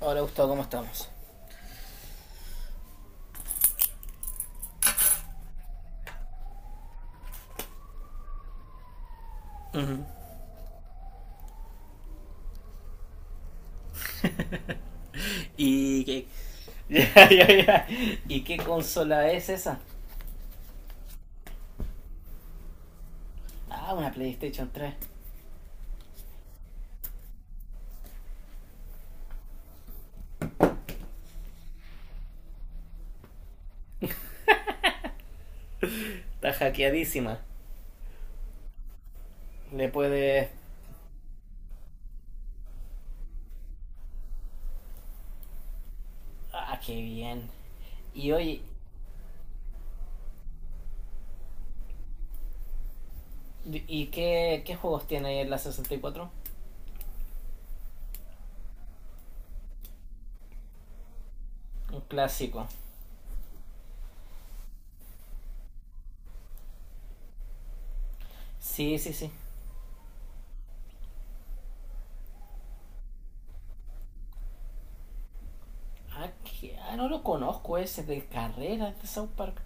Hola Gustavo, ¿cómo estamos? Ujú. Y qué Ya, ya, ya. ¿Y qué consola es esa? Ah, una PlayStation 3. Está hackeadísima. Le puedes... Ah, qué bien. Y oye, ¿y qué juegos tiene ahí en la 64? Un clásico. Sí, sí, sí. Ah, no lo conozco ese de carreras de South Park.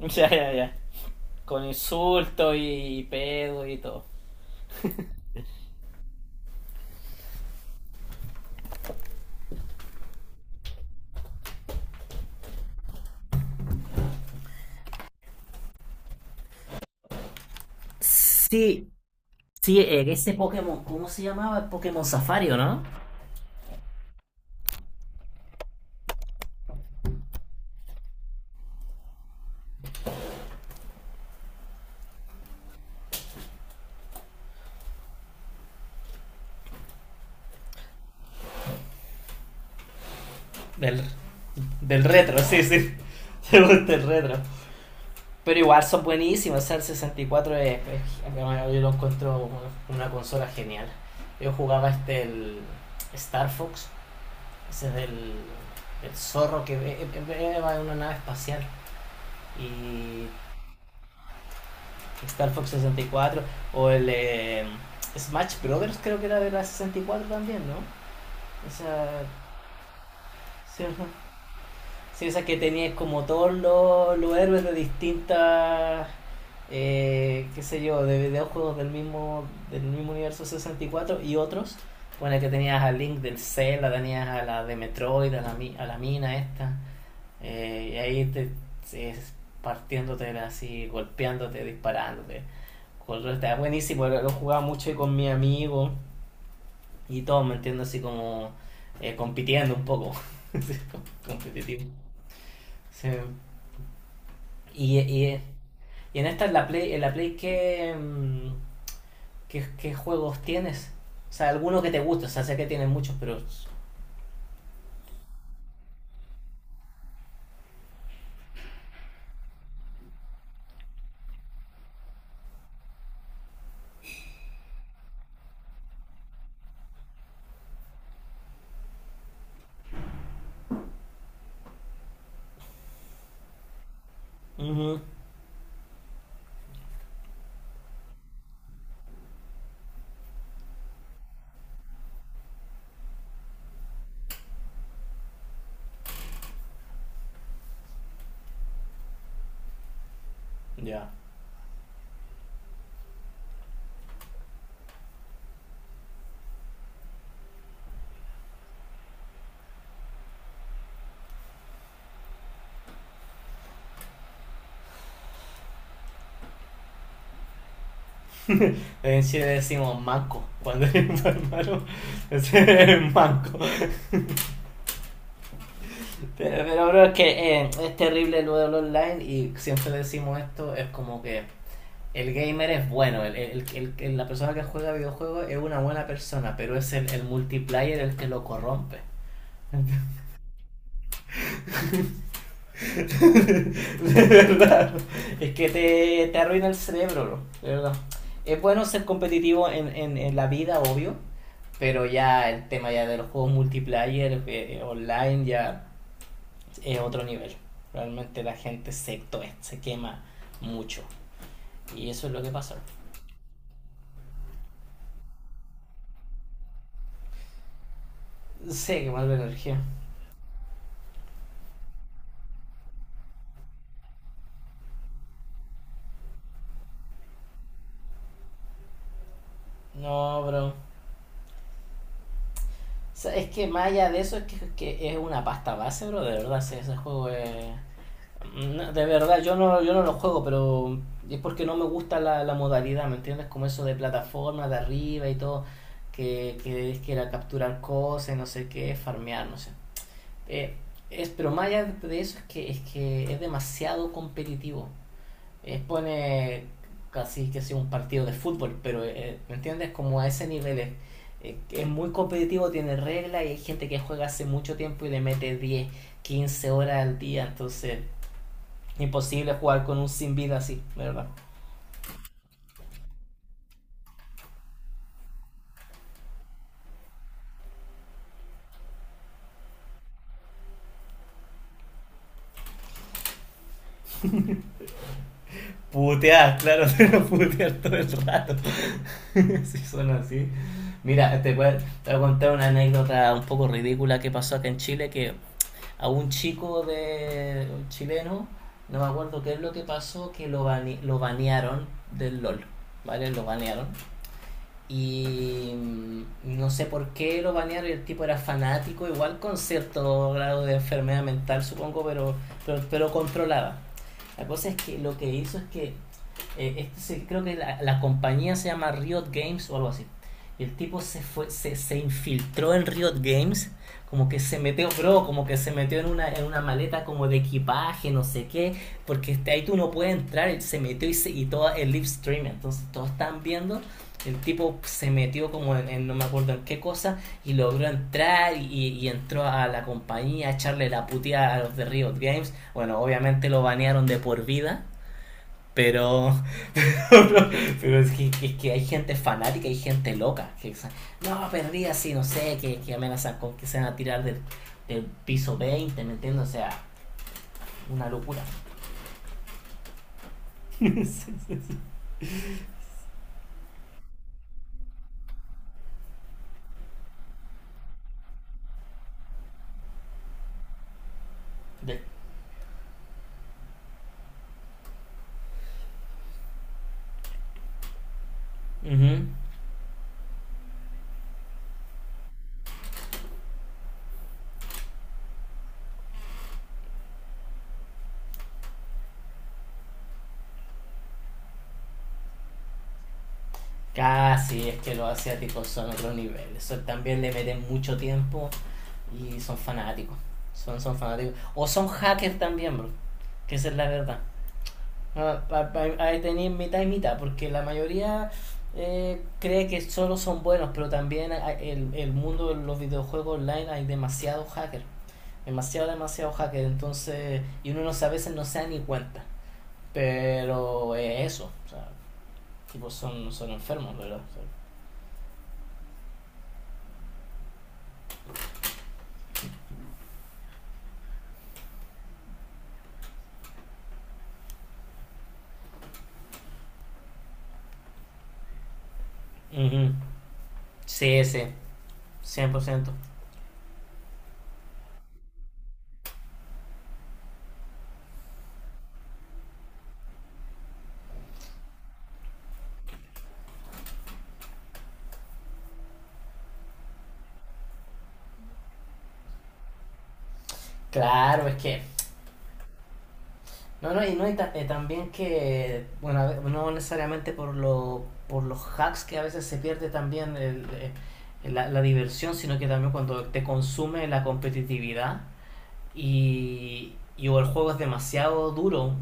Ya, ya, ya. Con insultos y pedo y todo. Sí, sí, ese Pokémon, ¿cómo se llamaba? El Pokémon Safari, ¿o no? Del, del retro, sí, sí. Me gusta el retro. Pero igual son buenísimos. O sea, el 64 yo lo encuentro una consola genial. Yo jugaba este el Star Fox, ese es del, del zorro que va en una nave espacial. Y Star Fox 64 o el Smash Brothers creo que era de la 64 también, ¿no? O sea, sí, ajá. Sí, o sea, que tenías como todos los héroes de distintas, qué sé yo, de videojuegos del mismo universo 64 y cuatro y otros. Bueno, que tenías a Link del Zelda, tenías a la de Metroid, a la mina esta. eh, y ahí te, es partiéndote así, golpeándote, disparándote. Control está buenísimo, lo jugaba mucho y con mi amigo y todo, me entiendo así como compitiendo un poco. Competitivo. Sí. Y, y, y en esta, en la Play ¿qué, qué juegos tienes? O sea, algunos que te guste, o sea, sé que tienes muchos, pero... Ujú. Ya. En Chile decimos manco, cuando es malo, es manco. Pero, bro, es que es terrible lo del online y siempre decimos esto, es como que el gamer es bueno, la persona que juega videojuegos es una buena persona, pero es el multiplayer el que lo corrompe. De verdad. Es que te arruina el cerebro, bro. De verdad. Es bueno ser competitivo en la vida, obvio. Pero ya el tema ya de los juegos multiplayer, online, ya es otro nivel. Realmente se quema mucho. Y eso es lo que pasa. Sé que mal de energía. No, bro. O sea, es que más allá de eso, que es una pasta base, bro. De verdad, ese juego es... No, de verdad, yo no lo juego, pero es porque no me gusta la, la modalidad, ¿me entiendes? Como eso de plataforma, de arriba y todo, que es que era capturar cosas, no sé qué, farmear, no sé. Eh, pero más allá de eso que es demasiado competitivo. Pone casi que sea un partido de fútbol, pero ¿me entiendes? Como a ese nivel que es muy competitivo, tiene reglas y hay gente que juega hace mucho tiempo y le mete 10 15 horas al día, entonces imposible jugar con un sin vida así, ¿verdad? Putear, claro, te lo putear todo el rato. si sí, son así. Mira, te voy a contar una anécdota un poco ridícula que pasó acá en Chile, que a un chico de un chileno, no me acuerdo qué es lo que pasó, que lo banearon del LOL, ¿vale? Lo banearon. Y no sé por qué lo banearon. El tipo era fanático, igual con cierto grado de enfermedad mental, supongo, pero controlaba. La cosa es que lo que hizo es que creo que la compañía se llama Riot Games o algo así. Y el tipo se, se infiltró en Riot Games, como que se metió, bro, como que se metió en una maleta como de equipaje, no sé qué, porque este, ahí tú no puedes entrar, él se metió y, se, y todo el live stream, entonces todos están viendo el tipo se metió como en no me acuerdo en qué cosa y logró entrar y entró a la compañía a echarle la puteada a los de Riot Games. Bueno, obviamente lo banearon de por vida, pero, es que hay gente fanática, hay gente loca. No, perdí así, no sé, que amenazan con que se van a tirar del, del piso 20, ¿me entiendes? O sea, una locura. Sí, sí, sí. De, uh -huh. Casi, es que los asiáticos son otro nivel. Eso también le meten mucho tiempo y son fanáticos. Son, son fanáticos. O son hackers también, bro. Que esa es la verdad. Ah, ahí tenéis mitad y mitad, porque la mayoría cree que solo son buenos, pero también hay- el mundo de los videojuegos online hay demasiado hacker. Demasiado, demasiado hacker. Entonces, y uno no se- a veces no se da ni cuenta. Pero es eso. O sea, tipo son, son enfermos, ¿verdad? O sea, ujú. Sí, sí, 100%. Claro, es que... No, no, también que, bueno, no necesariamente por los hacks que a veces se pierde también la, la diversión, sino que también cuando te consume la competitividad y o el juego es demasiado duro,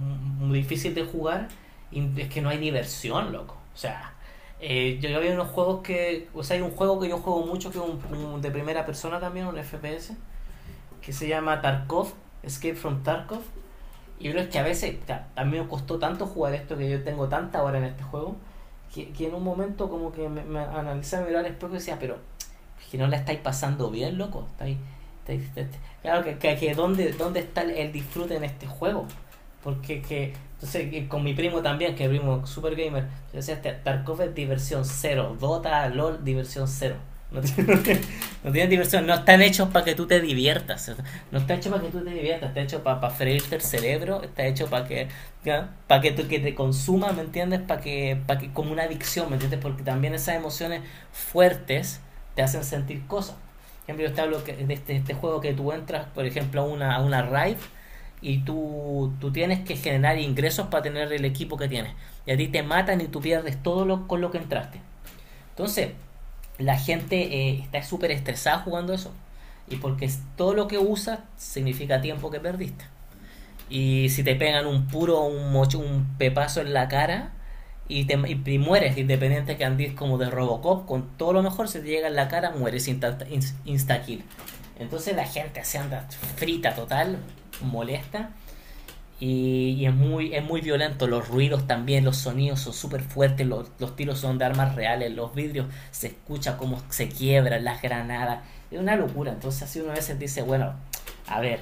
muy difícil de jugar, y es que no hay diversión, loco. O sea, yo había unos juegos que, o sea, hay un juego que yo juego mucho, que es un de primera persona también, un FPS, que se llama Tarkov, Escape from Tarkov. Y yo creo que a veces, a mí me costó tanto jugar esto que yo tengo tanta hora en este juego, que en un momento como que me analicé, me miraba al espejo y decía, pero es que no la estáis pasando bien, loco. Estáis, claro, que ¿dónde, dónde está el disfrute en este juego? Porque que, entonces, con mi primo también, que es primo super gamer, yo decía, "Este Tarkov es diversión cero, Dota, LOL, diversión cero. No tiene, no tiene diversión, no están hechos para que tú te diviertas. No está hecho para que tú te diviertas, está hecho para freírte el cerebro, está hecho para que, ¿ya? para que tú que te consumas, ¿me entiendes? Para que como una adicción, ¿me entiendes? Porque también esas emociones fuertes te hacen sentir cosas. Por ejemplo, yo te hablo de este, este juego que tú entras, por ejemplo, a una raid y tú tienes que generar ingresos para tener el equipo que tienes. Y a ti te matan y tú pierdes todo lo con lo que entraste. Entonces, la gente está súper estresada jugando eso. Y porque es- todo lo que usas significa tiempo que perdiste. Y si te pegan un puro, un mocho, un pepazo en la cara y mueres, independiente que andes como de Robocop, con todo lo mejor, se te llega en la cara, mueres insta kill. Entonces la gente se anda frita total, molesta. Y es muy violento, los ruidos también, los sonidos son súper fuertes, los tiros son de armas reales, los vidrios se escucha cómo se quiebran, las granadas, es una locura. Entonces así uno a veces dice, bueno, a ver,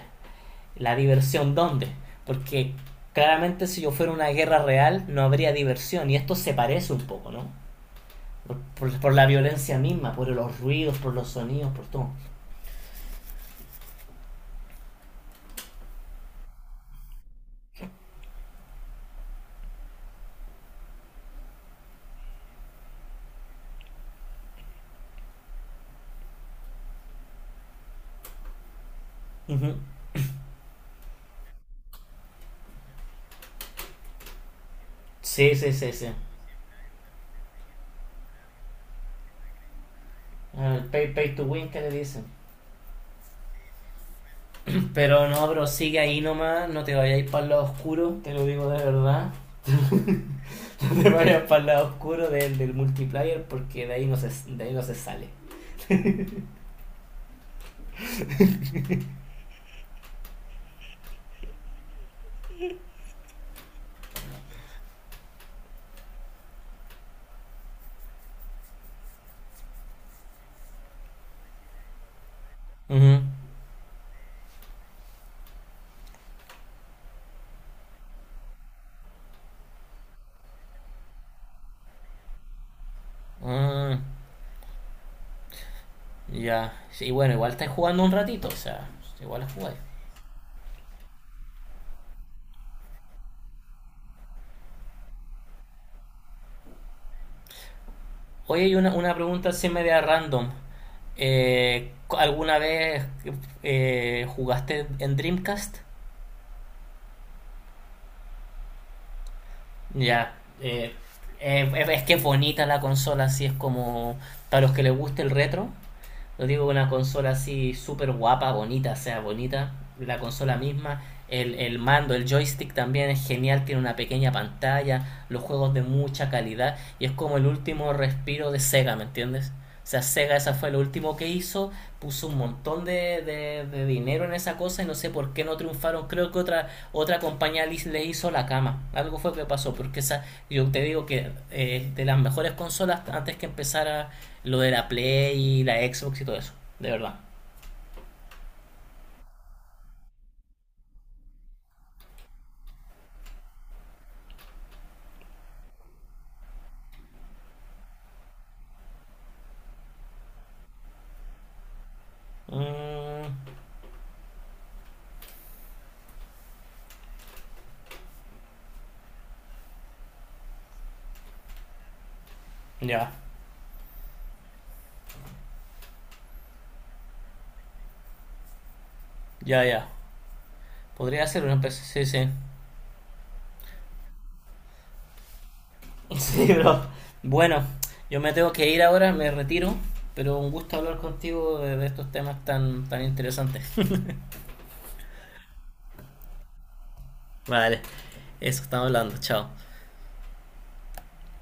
¿la diversión dónde? Porque claramente si yo fuera una guerra real no habría diversión y esto se parece un poco, ¿no? Por la violencia misma, por los ruidos, por los sonidos, por todo. Ujú. Sí, sí, sí, sí. Ah, el pay to win que le dicen. Pero no, pero sigue ahí nomás, no te vayas para el lado oscuro, te lo digo de verdad. No te vayas para el lado oscuro del, del multiplayer porque de ahí no se sale. Ujú. Ah, ya. Y bueno, igual estás jugando un ratito, o sea, igual la jugáis. Oye, hay una pregunta así media random. ¿Alguna vez jugaste en Dreamcast? Ya. eh, es que es bonita la consola, así es como para los que les guste el retro. No digo una consola así súper guapa, bonita, sea bonita. La consola misma, el mando, el joystick también es genial, tiene una pequeña pantalla, los juegos de mucha calidad y es como el último respiro de Sega, ¿me entiendes? O sea, Sega esa fue lo último que hizo, puso un montón de dinero en esa cosa y no sé por qué no triunfaron. Creo que otra compañía le hizo la cama. Algo fue que pasó, porque esa, yo te digo que de las mejores consolas antes que empezara lo de la Play y la Xbox y todo eso, de verdad. Mm, ya, ya, ya. Podría ser una PC, sí, sí. Sí, bro. Bueno, yo me tengo que ir ahora, me retiro, pero un gusto hablar contigo de estos temas tan, tan interesantes. Vale, eso estamos hablando, chao.